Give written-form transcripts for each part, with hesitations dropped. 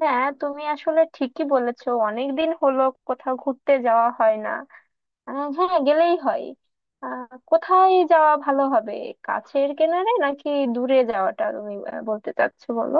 হ্যাঁ, তুমি আসলে ঠিকই বলেছো। অনেকদিন হলো কোথাও ঘুরতে যাওয়া হয় না। হ্যাঁ, গেলেই হয়। আহ, কোথায় যাওয়া ভালো হবে? কাছের কিনারে নাকি দূরে যাওয়াটা, তুমি বলতে চাচ্ছো বলো।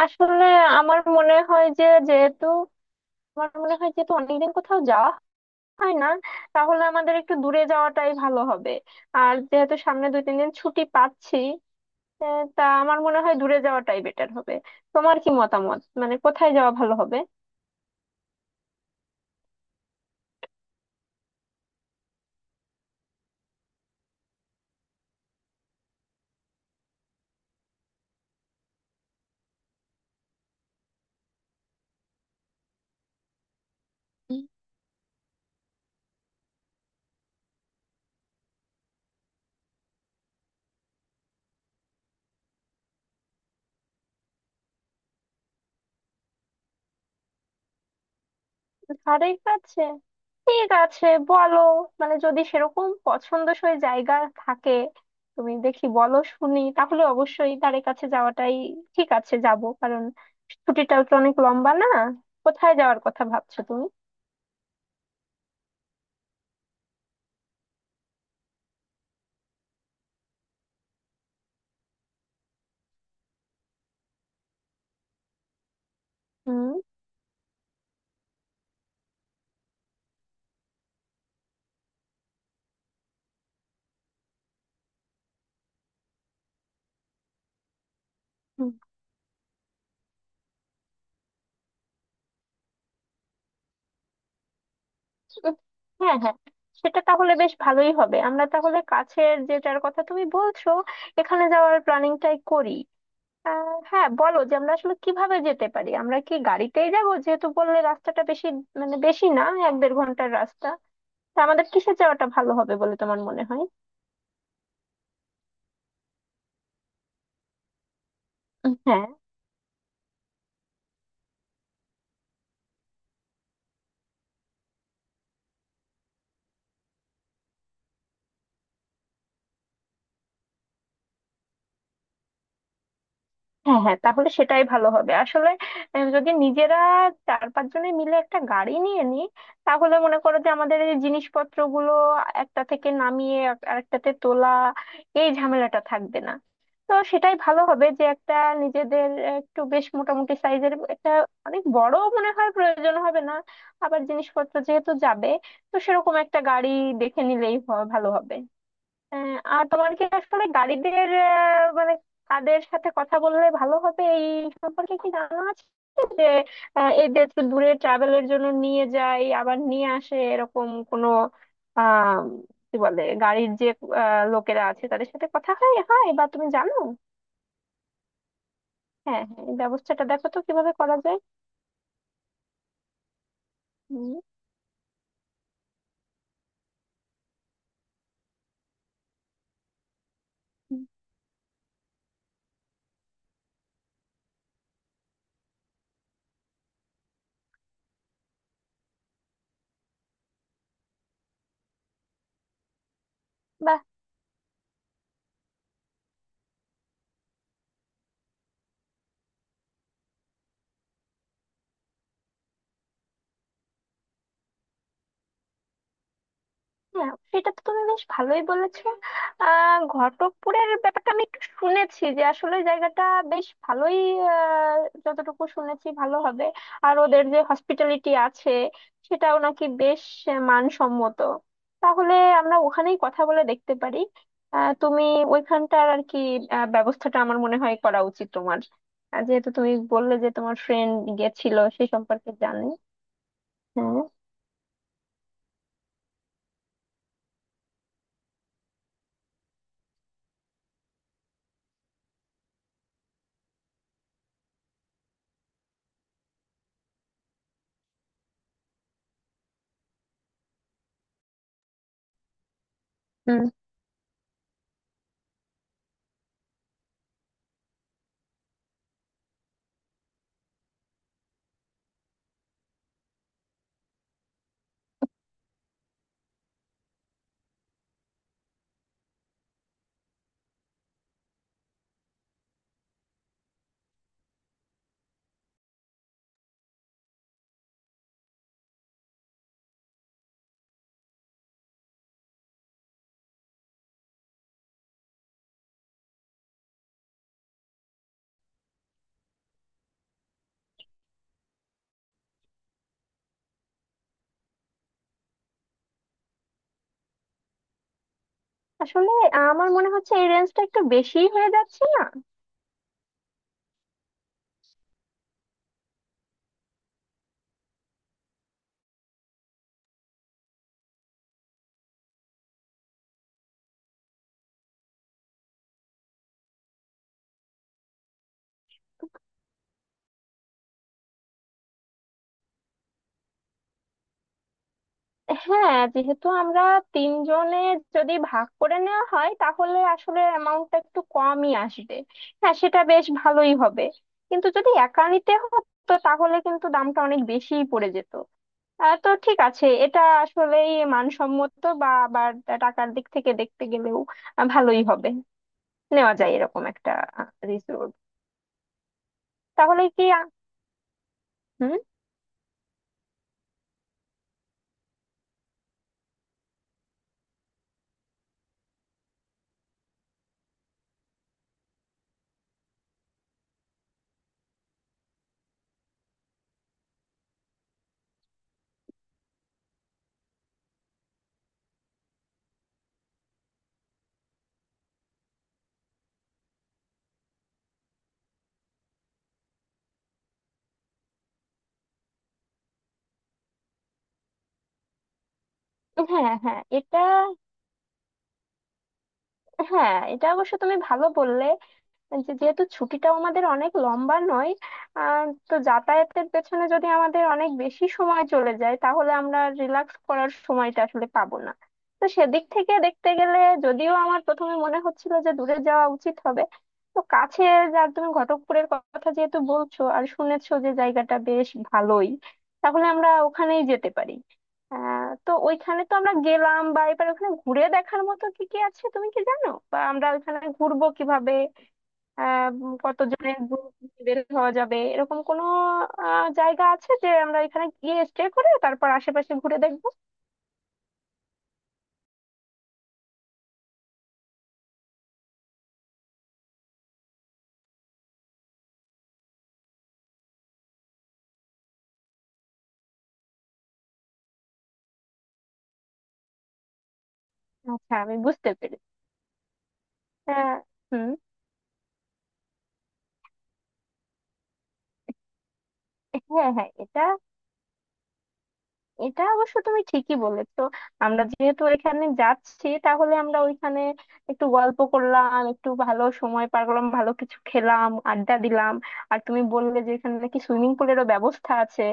আসলে আমার মনে হয় যে যেহেতু আমার মনে হয় যেহেতু অনেকদিন কোথাও যাওয়া হয় না, তাহলে আমাদের একটু দূরে যাওয়াটাই ভালো হবে। আর যেহেতু সামনে দুই তিন দিন ছুটি পাচ্ছি, তা আমার মনে হয় দূরে যাওয়াটাই বেটার হবে। তোমার কি মতামত, মানে কোথায় যাওয়া ভালো হবে? ধারে কাছে ঠিক আছে, বলো। মানে যদি সেরকম পছন্দসই জায়গা থাকে, তুমি দেখি বলো শুনি, তাহলে অবশ্যই ধারে কাছে যাওয়াটাই ঠিক আছে, যাব। কারণ ছুটিটাও তো অনেক লম্বা না। কোথায় যাওয়ার কথা ভাবছো তুমি? হুম। হুম। হ্যাঁ, হ্যাঁ, সেটা তাহলে বেশ ভালোই হবে। আমরা তাহলে কাছের যেটার কথা তুমি বলছো, এখানে যাওয়ার প্ল্যানিংটাই করি। হ্যাঁ বলো, যে আমরা আসলে কিভাবে যেতে পারি। আমরা কি গাড়িতেই যাবো? যেহেতু বললে রাস্তাটা বেশি, মানে বেশি না, এক দেড় ঘন্টার রাস্তা, তা আমাদের কিসে যাওয়াটা ভালো হবে বলে তোমার মনে হয়? হ্যাঁ। হ্যাঁ, হ্যাঁ, তাহলে সেটাই ভালো হবে আসলে। যদি নিজেরা চার পাঁচ জনে মিলে একটা গাড়ি নিয়ে নিই, তাহলে মনে করো যে আমাদের এই জিনিসপত্রগুলো একটা থেকে নামিয়ে আরেকটাতে তোলা, এই ঝামেলাটা থাকবে না। তো সেটাই ভালো হবে যে একটা নিজেদের একটু বেশ মোটামুটি সাইজের একটা। অনেক বড় মনে হয় প্রয়োজন হবে না, আবার জিনিসপত্র যেহেতু যাবে, তো সেরকম একটা গাড়ি দেখে নিলেই ভালো হবে। হ্যাঁ, আর তোমার কি আসলে গাড়িদের মানে কাদের সাথে কথা বললে ভালো হবে, এই সম্পর্কে কি জানা আছে, যে এই যে একটু দূরে ট্রাভেলের জন্য নিয়ে যায় আবার নিয়ে আসে এরকম কোনো, আহ কি বলে গাড়ির যে লোকেরা আছে, তাদের সাথে কথা হয় হয় বা তুমি জানো। হ্যাঁ, হ্যাঁ, এই ব্যবস্থাটা দেখো তো কিভাবে করা যায়। হুম। হুম। হ্যাঁ, সেটা তো তুমি বেশ ভালোই বলেছো। ঘটকপুরের ব্যাপারটা আমি একটু শুনেছি, যে আসলে জায়গাটা বেশ ভালোই। আহ, যতটুকু শুনেছি ভালো হবে। আর ওদের যে হসপিটালিটি আছে, সেটাও নাকি বেশ মানসম্মত। তাহলে আমরা ওখানেই কথা বলে দেখতে পারি। তুমি ওইখানটার আর কি ব্যবস্থাটা, আমার মনে হয় করা উচিত তোমার। যেহেতু তুমি বললে যে তোমার ফ্রেন্ড গেছিল, সেই সম্পর্কে জানি। হ্যাঁ আসলে আমার মনে হচ্ছে এই রেঞ্জটা একটু বেশিই হয়ে যাচ্ছে না? হ্যাঁ, যেহেতু আমরা তিনজনে, যদি ভাগ করে নেওয়া হয়, তাহলে আসলে অ্যামাউন্টটা একটু কমই আসবে। হ্যাঁ, সেটা বেশ ভালোই হবে। কিন্তু যদি একা নিতে হতো, তাহলে কিন্তু দামটা অনেক বেশিই পড়ে যেত। তো ঠিক আছে, এটা আসলেই মানসম্মত বা আবার টাকার দিক থেকে দেখতে গেলেও ভালোই হবে। নেওয়া যায় এরকম একটা রিসোর্ট। তাহলে কি হুম। হ্যাঁ, হ্যাঁ, এটা। হ্যাঁ, এটা অবশ্য তুমি ভালো বললে। যেহেতু ছুটিটাও আমাদের অনেক লম্বা নয়, তো যাতায়াতের পেছনে যদি আমাদের অনেক বেশি সময় চলে যায়, তাহলে আমরা রিল্যাক্স করার সময়টা আসলে পাবো না। তো সেদিক থেকে দেখতে গেলে, যদিও আমার প্রথমে মনে হচ্ছিল যে দূরে যাওয়া উচিত হবে, তো কাছে যা তুমি ঘটকপুরের কথা যেহেতু বলছো আর শুনেছো যে জায়গাটা বেশ ভালোই, তাহলে আমরা ওখানেই যেতে পারি। তো ওইখানে তো আমরা গেলাম, বা এবার ওখানে ঘুরে দেখার মতো কি কি আছে তুমি কি জানো, বা আমরা ওইখানে ঘুরবো কিভাবে? কতজনের গ্রুপ বের হওয়া যাবে, এরকম কোনো জায়গা আছে, যে আমরা এখানে গিয়ে স্টে করে তারপর আশেপাশে ঘুরে দেখবো? আচ্ছা, আমি বুঝতে পেরেছি। আহ, হুম হ্যাঁ, হ্যাঁ, এটা। এটা অবশ্য তুমি ঠিকই বলেছো। আমরা যেহেতু এখানে যাচ্ছি, তাহলে আমরা ওইখানে একটু গল্প করলাম, একটু ভালো সময় পার করলাম, ভালো কিছু খেলাম, আড্ডা দিলাম। আর তুমি বললে যে এখানে নাকি সুইমিং পুলেরও ব্যবস্থা আছে,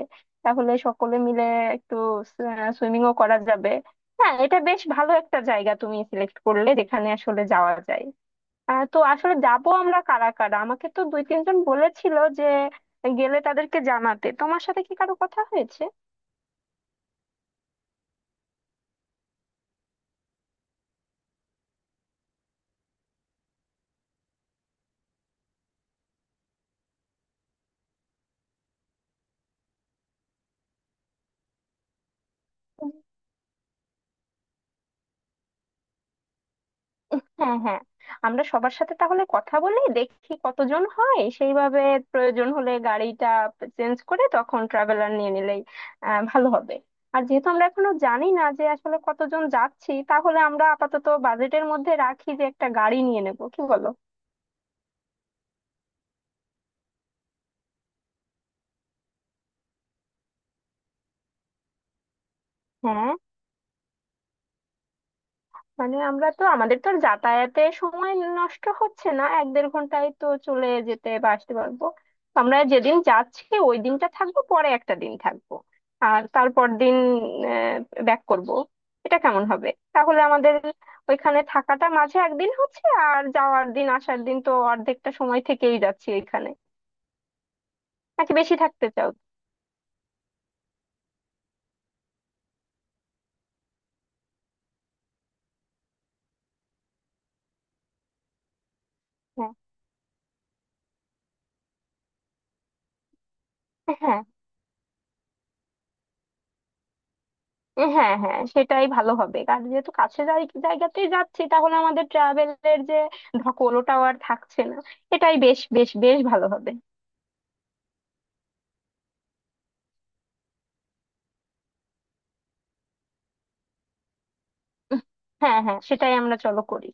তাহলে সকলে মিলে একটু সুইমিংও করা যাবে। হ্যাঁ, এটা বেশ ভালো একটা জায়গা তুমি সিলেক্ট করলে, যেখানে আসলে যাওয়া যায়। তো আসলে যাবো আমরা কারা কারা, আমাকে তো দুই তিনজন বলেছিল যে গেলে তাদেরকে জানাতে, তোমার সাথে কি কারো কথা হয়েছে? হ্যাঁ, হ্যাঁ, আমরা সবার সাথে তাহলে কথা বলে দেখি কতজন হয়, সেইভাবে প্রয়োজন হলে গাড়িটা চেঞ্জ করে তখন ট্রাভেলার নিয়ে নিলেই ভালো হবে। আর যেহেতু আমরা এখনো জানি না যে আসলে কতজন যাচ্ছি, তাহলে আমরা আপাতত বাজেটের মধ্যে রাখি যে একটা গাড়ি নিয়ে নেব, কি বলো? হ্যাঁ, মানে আমরা তো, আমাদের তো আর যাতায়াতে সময় নষ্ট হচ্ছে না, এক দেড় ঘন্টায় তো চলে যেতে বা আসতে পারবো। আমরা যেদিন যাচ্ছি ওই দিনটা থাকবো, পরে একটা দিন থাকবো, আর তারপর দিন ব্যাক করব। এটা কেমন হবে? তাহলে আমাদের ওইখানে থাকাটা মাঝে একদিন হচ্ছে, আর যাওয়ার দিন আসার দিন তো অর্ধেকটা সময় থেকেই যাচ্ছি ওইখানে। নাকি বেশি থাকতে চাও? হ্যাঁ, হ্যাঁ। এ হ্যাঁ, হ্যাঁ, সেটাই ভালো হবে। কারণ যেহেতু কাছে জায়গাতেই যাচ্ছি, তাহলে আমাদের ট্রাভেলের যে ধকল, ওটাও আর থাকছে না। এটাই বেশ, বেশ, বেশ ভালো হবে। উহ, হ্যাঁ, হ্যাঁ, সেটাই আমরা চলো করি।